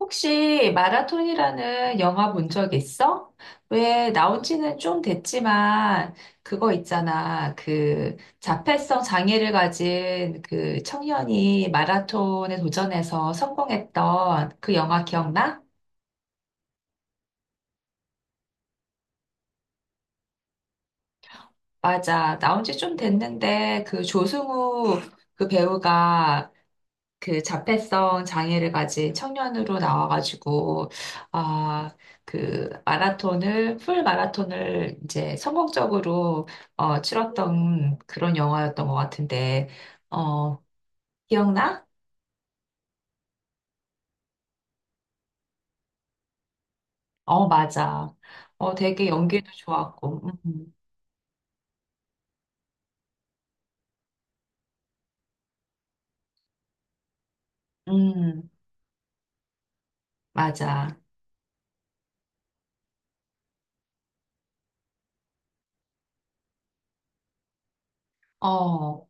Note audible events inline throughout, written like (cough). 혹시 마라톤이라는 영화 본 적 있어? 왜 나온 지는 좀 됐지만 그거 있잖아. 그 자폐성 장애를 가진 그 청년이 마라톤에 도전해서 성공했던 그 영화 기억나? 맞아. 나온 지 좀 됐는데 그 조승우 그 배우가 그 자폐성 장애를 가진 청년으로 나와가지고 아, 그 마라톤을 풀 마라톤을 이제 성공적으로 치렀던 그런 영화였던 것 같은데 어, 기억나? 어, 맞아. 어, 되게 연기도 좋았고. 음, 음, 맞아. 어.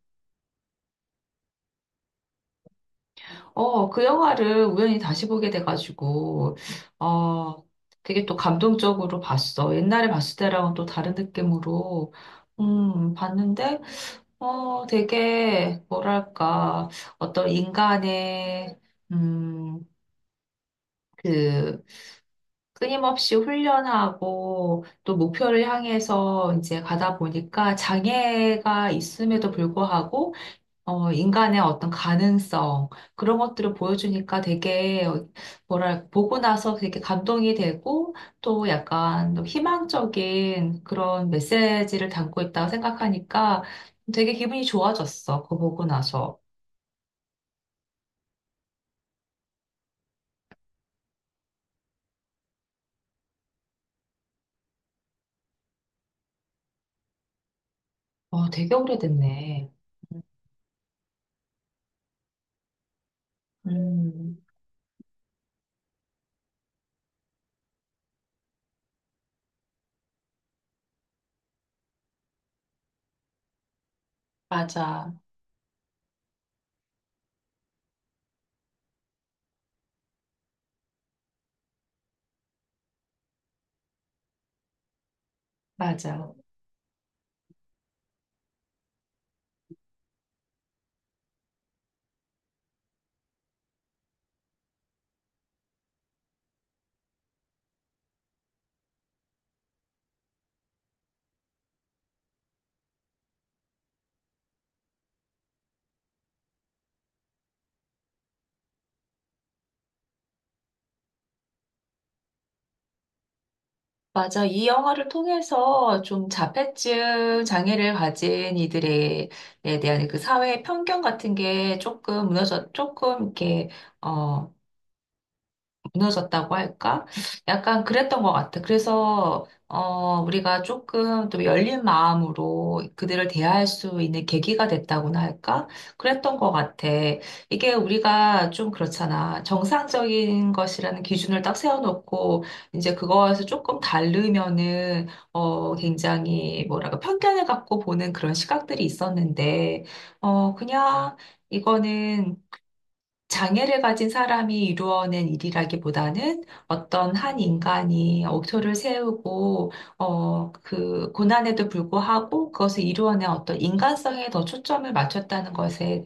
그 영화를 우연히 다시 보게 돼가지고, 어, 되게 또 감동적으로 봤어. 옛날에 봤을 때랑은 또 다른 느낌으로, 봤는데, 어, 되게, 뭐랄까, 어떤 인간의, 음, 그, 끊임없이 훈련하고, 또 목표를 향해서 이제 가다 보니까 장애가 있음에도 불구하고, 어, 인간의 어떤 가능성, 그런 것들을 보여주니까 되게, 보고 나서 되게 감동이 되고, 또 약간 또 희망적인 그런 메시지를 담고 있다고 생각하니까 되게 기분이 좋아졌어. 그거 보고 나서. 어, 되게 오래됐네. 음, 맞아, 맞아. 맞아. 이 영화를 통해서 좀 자폐증 장애를 가진 이들에 에 대한 그 사회의 편견 같은 게 조금 조금 이렇게, 어, 무너졌다고 할까? 약간 그랬던 것 같아. 그래서, 어, 우리가 조금 또 열린 마음으로 그들을 대할 수 있는 계기가 됐다고나 할까? 그랬던 것 같아. 이게 우리가 좀 그렇잖아. 정상적인 것이라는 기준을 딱 세워놓고, 이제 그거에서 조금 다르면은, 어, 굉장히 뭐랄까, 편견을 갖고 보는 그런 시각들이 있었는데, 그냥, 이거는 장애를 가진 사람이 이루어낸 일이라기보다는 어떤 한 인간이 억초를 세우고, 어, 그 고난에도 불구하고 그것을 이루어낸 어떤 인간성에 더 초점을 맞췄다는 것에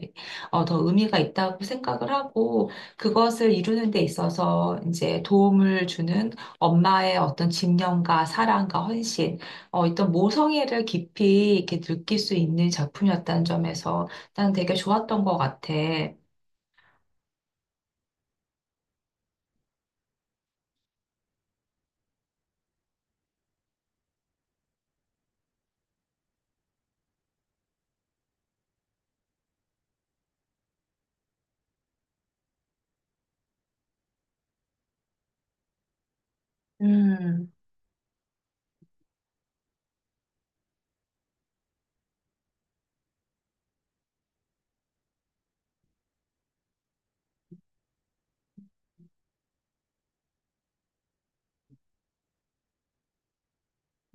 더 의미가 있다고 생각을 하고, 그것을 이루는 데 있어서 이제 도움을 주는 엄마의 어떤 집념과 사랑과 헌신, 어떤 모성애를 깊이 이렇게 느낄 수 있는 작품이었다는 점에서 난 되게 좋았던 것 같아. 음.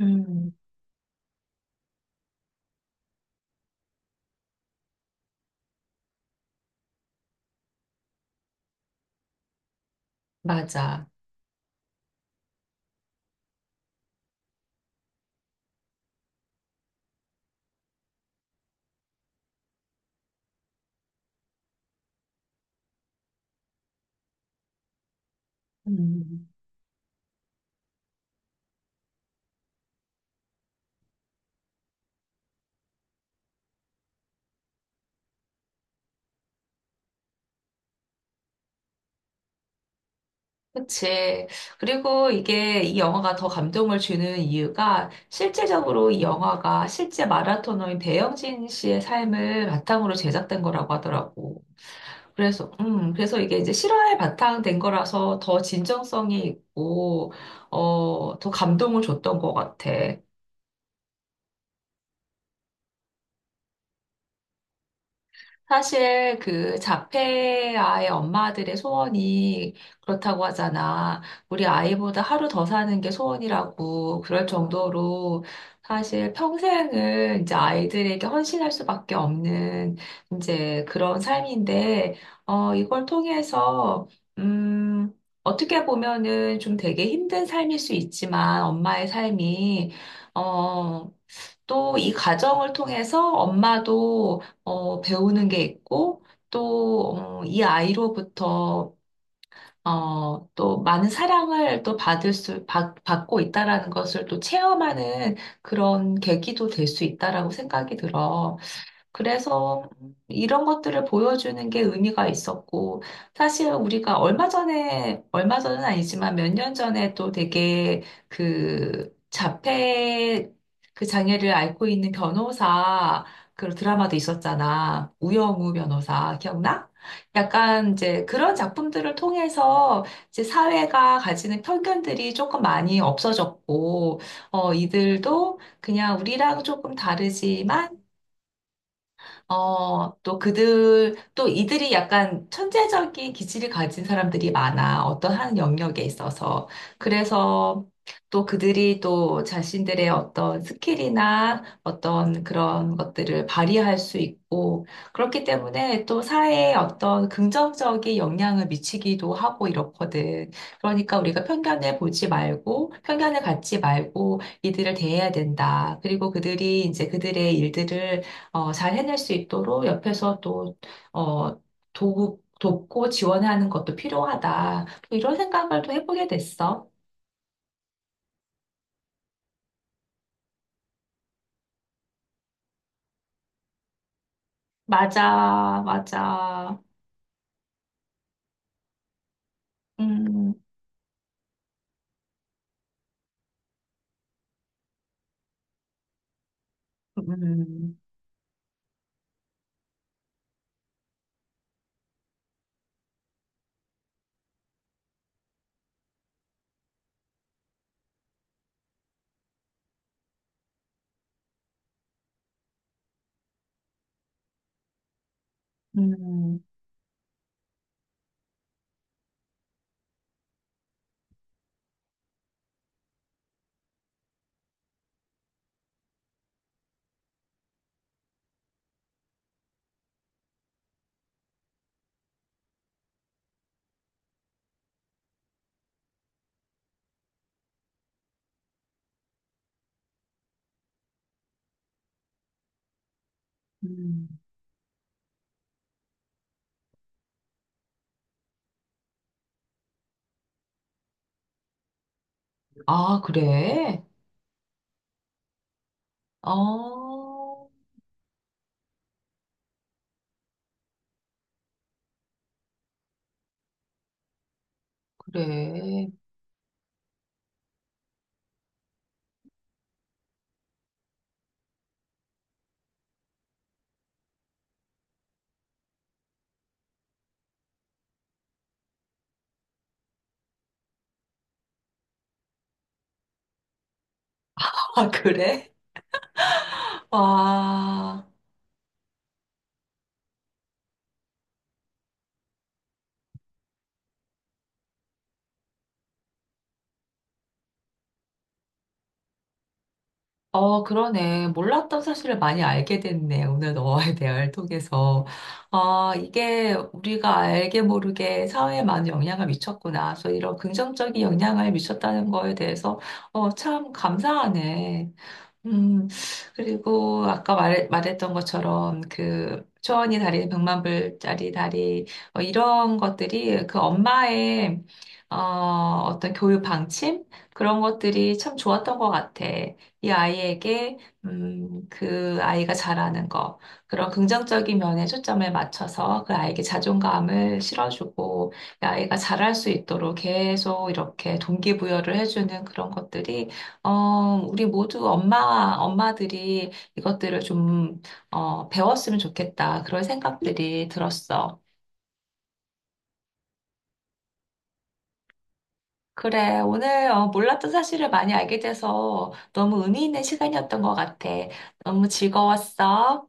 음, 맞아. 음, 그치. 그리고 이게 이 영화가 더 감동을 주는 이유가 실제적으로 이 영화가 실제 마라토너인 배영진 씨의 삶을 바탕으로 제작된 거라고 하더라고. 그래서, 그래서 이게 이제 실화에 바탕된 거라서 더 진정성이 있고, 더 감동을 줬던 것 같아. 사실 그 자폐아의 엄마들의 소원이 그렇다고 하잖아. 우리 아이보다 하루 더 사는 게 소원이라고 그럴 정도로 사실 평생을 이제 아이들에게 헌신할 수밖에 없는 이제 그런 삶인데, 어, 이걸 통해서, 음, 어떻게 보면은 좀 되게 힘든 삶일 수 있지만 엄마의 삶이, 어, 또 이 가정을 통해서 엄마도 배우는 게 있고, 또, 이 아이로부터, 또 많은 사랑을 또 받고 있다라는 것을 또 체험하는 그런 계기도 될 수 있다라고 생각이 들어. 그래서 이런 것들을 보여주는 게 의미가 있었고, 사실 우리가 얼마 전은 아니지만 몇 년 전에 또 되게 그 자폐 그 장애를 앓고 있는 변호사 그 드라마도 있었잖아. 우영우 변호사, 기억나? 약간 이제 그런 작품들을 통해서 이제 사회가 가지는 편견들이 조금 많이 없어졌고, 어, 이들도 그냥 우리랑 조금 다르지만 또 이들이 약간 천재적인 기질을 가진 사람들이 많아. 어떤 한 영역에 있어서. 그래서 또 그들이 또 자신들의 어떤 스킬이나 어떤 그런 것들을 발휘할 수 있고, 그렇기 때문에 또 사회에 어떤 긍정적인 영향을 미치기도 하고 이렇거든. 그러니까 우리가 편견을 보지 말고, 편견을 갖지 말고 이들을 대해야 된다. 그리고 그들이 이제 그들의 일들을 잘 해낼 수 있도록 옆에서 또, 어, 돕고 지원하는 것도 필요하다. 이런 생각을 또 해보게 됐어. 맞아, 맞아. 음, 음, 음, 음. 아, 그래? 어, 그래. (laughs) 아, 그래? 와. 어, 그러네. 몰랐던 사실을 많이 알게 됐네. 오늘 너와의 (laughs) 대화를 통해서. 아, 이게 우리가 알게 모르게 사회에 많은 영향을 미쳤구나. 그래서 이런 긍정적인 영향을 미쳤다는 거에 대해서, 어, 참 감사하네. 음, 그리고 아까 말했던 것처럼 그 초원이 다리, 백만불짜리 다리, 어, 이런 것들이 그 엄마의 어, 어떤 교육 방침? 그런 것들이 참 좋았던 것 같아. 이 아이에게, 그 아이가 잘하는 거, 그런 긍정적인 면에 초점을 맞춰서 그 아이에게 자존감을 실어주고, 이 아이가 잘할 수 있도록 계속 이렇게 동기부여를 해주는 그런 것들이 어, 우리 모두 엄마와 엄마들이 이것들을 좀, 배웠으면 좋겠다. 그런 생각들이 들었어. 그래, 오늘 몰랐던 사실을 많이 알게 돼서 너무 의미 있는 시간이었던 것 같아. 너무 즐거웠어.